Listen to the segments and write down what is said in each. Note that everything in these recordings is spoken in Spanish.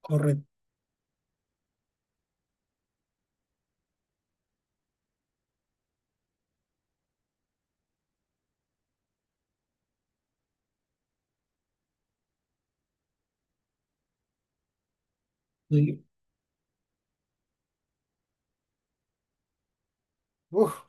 Correcto. Y, uf,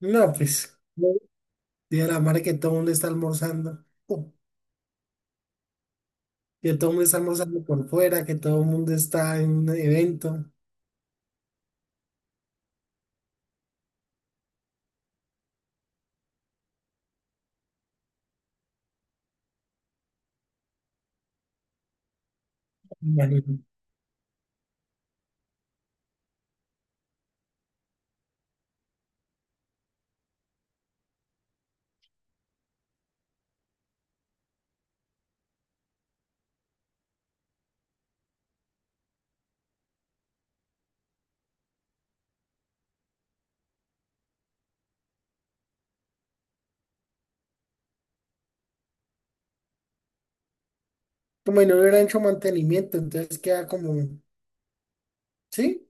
no, pues, día la madre que todo el mundo está almorzando, que todo el mundo está almorzando por fuera, que todo el mundo está en un evento. Imagino. Como si no hubiera hecho mantenimiento, entonces queda como, ¿sí?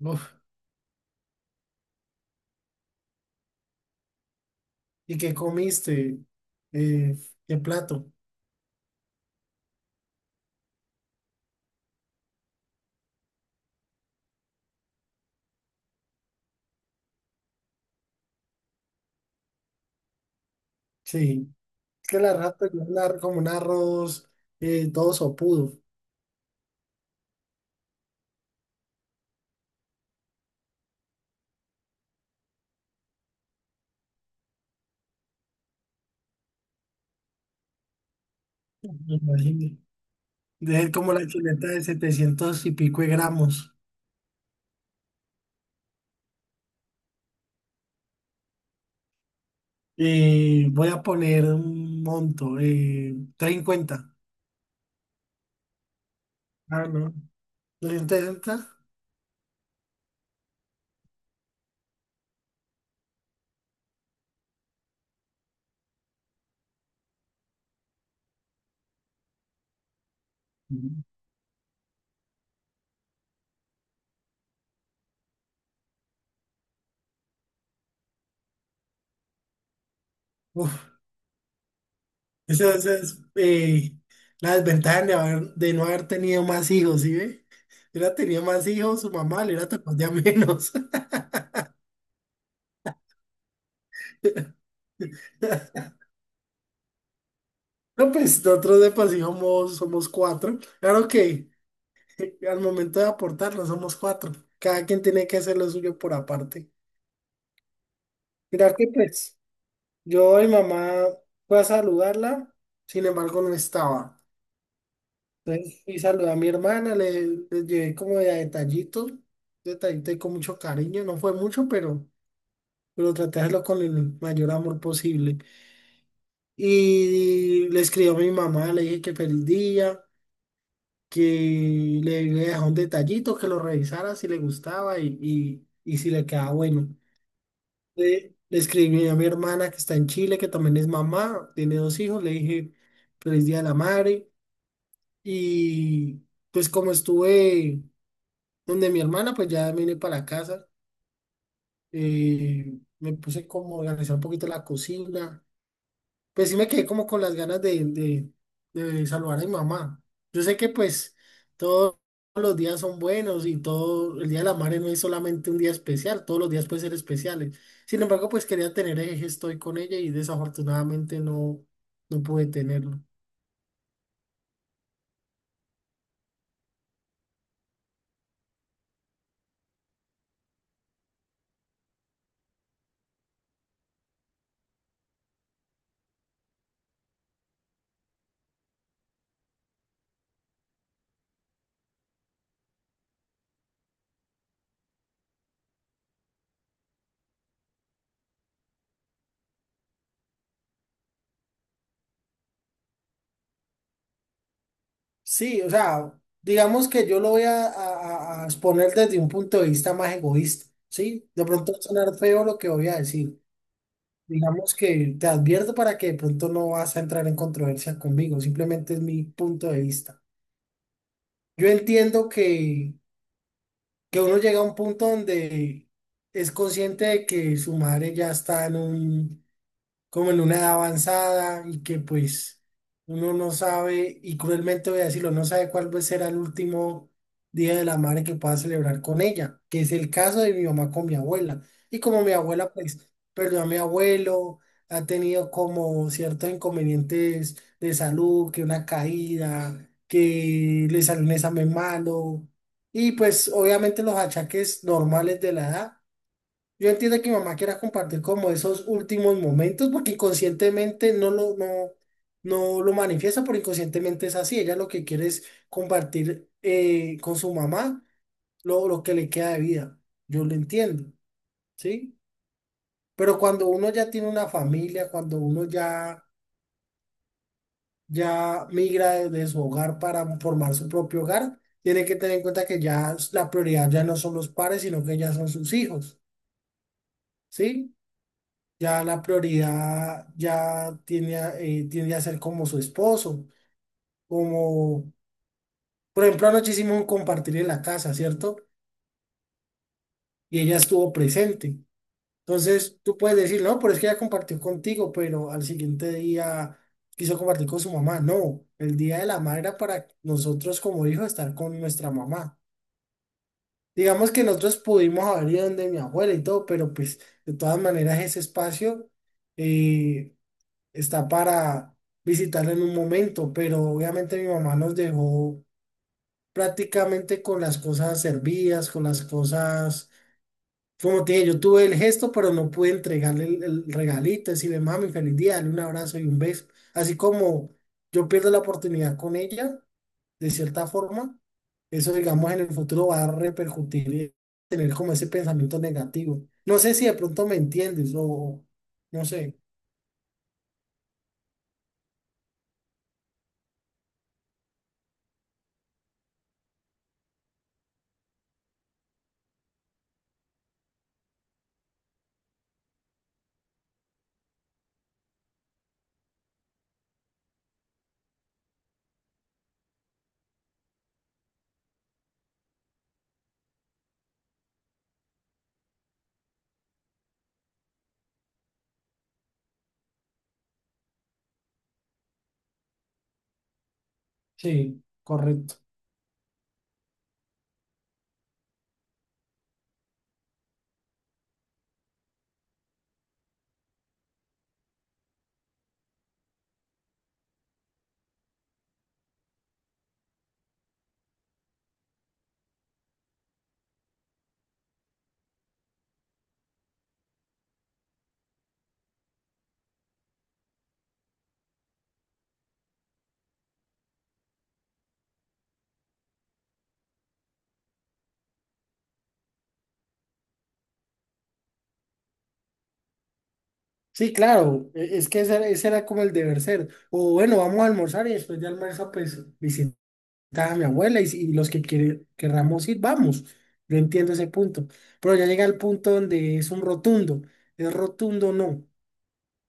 Uf, ¿y qué comiste? Eh, ¿Qué plato? Sí, es que la rata es como un arroz todo sopudo. Me imagino. Debe ser como la chuleta de 700 y pico de gramos. Y voy a poner un monto, 50. Ah, no. 350. Ujú. Uf, esa es la desventaja de, de no haber tenido más hijos, ¿sí ve? Si hubiera tenido más hijos, su mamá le hubiera tocado ya menos. No, pues nosotros de por sí somos cuatro. Claro que al momento de aportarlo somos cuatro. Cada quien tiene que hacer lo suyo por aparte. Mira que pues. Yo y mamá fue a saludarla, sin embargo no estaba. Entonces fui a saludar a mi hermana, le llevé como de a detallitos, detallitos y con mucho cariño, no fue mucho, pero traté de hacerlo con el mayor amor posible. Y le escribí a mi mamá, le dije que feliz día, que le dejé un detallito, que lo revisara si le gustaba y si le quedaba bueno. Le escribí a mi hermana que está en Chile, que también es mamá, tiene dos hijos, le dije feliz día de la madre y pues como estuve donde mi hermana, pues ya vine para la casa. Me puse como a organizar un poquito la cocina. Pues sí me quedé como con las ganas de saludar a mi mamá. Yo sé que pues todos los días son buenos y todo el Día de la Madre no es solamente un día especial, todos los días pueden ser especiales. Sin embargo, pues quería tener ese gesto ahí con ella y desafortunadamente no pude tenerlo. Sí, o sea, digamos que yo lo voy a exponer desde un punto de vista más egoísta, ¿sí? De pronto va a sonar feo lo que voy a decir. Digamos que te advierto para que de pronto no vas a entrar en controversia conmigo, simplemente es mi punto de vista. Yo entiendo que uno llega a un punto donde es consciente de que su madre ya está como en una edad avanzada y que pues uno no sabe, y cruelmente voy a decirlo, no sabe cuál va a ser el último día de la madre que pueda celebrar con ella, que es el caso de mi mamá con mi abuela. Y como mi abuela pues perdió a mi abuelo, ha tenido como ciertos inconvenientes de salud, que una caída, que le salió un examen malo, y pues obviamente los achaques normales de la edad. Yo entiendo que mi mamá quiera compartir como esos últimos momentos, porque inconscientemente no lo manifiesta, pero inconscientemente es así. Ella lo que quiere es compartir con su mamá lo que le queda de vida. Yo lo entiendo, ¿sí? Pero cuando uno ya tiene una familia, cuando uno ya migra de su hogar para formar su propio hogar, tiene que tener en cuenta que ya la prioridad ya no son los padres, sino que ya son sus hijos, ¿sí? Ya la prioridad ya tiende tiende a ser como su esposo, como, por ejemplo, anoche hicimos un compartir en la casa, ¿cierto? Y ella estuvo presente. Entonces, tú puedes decir, no, pero es que ella compartió contigo, pero al siguiente día quiso compartir con su mamá. No, el Día de la Madre era para nosotros como hijos estar con nuestra mamá. Digamos que nosotros pudimos haber ido donde mi abuela y todo, pero pues de todas maneras ese espacio eh, está para visitarla en un momento, pero obviamente mi mamá nos dejó prácticamente con las cosas servidas, con las cosas, como te dije, yo tuve el gesto, pero no pude entregarle el regalito, decirle, mami, feliz día, dale un abrazo y un beso. Así como yo pierdo la oportunidad con ella, de cierta forma, eso digamos en el futuro va a repercutir y tener como ese pensamiento negativo. No sé si de pronto me entiendes o no sé. Sí, correcto. Sí, claro, es que ese era como el deber ser. O bueno, vamos a almorzar y después de almuerzo, pues visitar a mi abuela y, si- y los que querramos ir, vamos. Yo entiendo ese punto. Pero ya llega el punto donde es un rotundo. Es rotundo, no.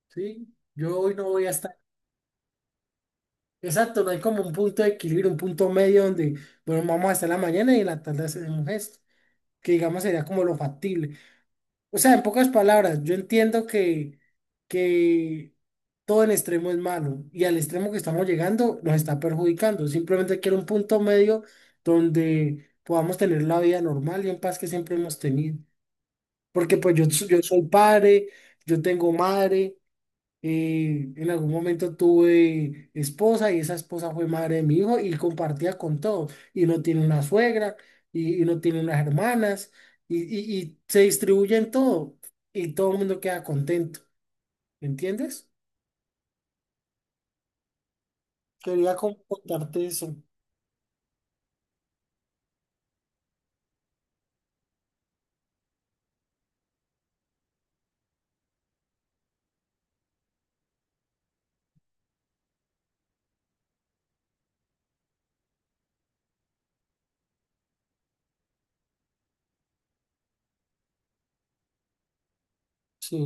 ¿Sí? Yo hoy no voy a estar. Exacto, no hay como un punto de equilibrio, un punto medio donde, bueno, vamos hasta la mañana y en la tarde hacemos esto. Que digamos sería como lo factible. O sea, en pocas palabras, yo entiendo que todo el extremo es malo y al extremo que estamos llegando nos está perjudicando. Simplemente quiero un punto medio donde podamos tener la vida normal y en paz que siempre hemos tenido. Porque pues yo soy padre, yo tengo madre, en algún momento tuve esposa y esa esposa fue madre de mi hijo y compartía con todos. Y uno tiene una suegra y uno tiene unas hermanas y se distribuyen todo y todo el mundo queda contento. ¿Me entiendes? Quería como contarte eso. Sí,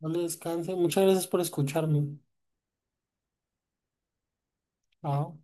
no le descanse. Muchas gracias por escucharme. Chao.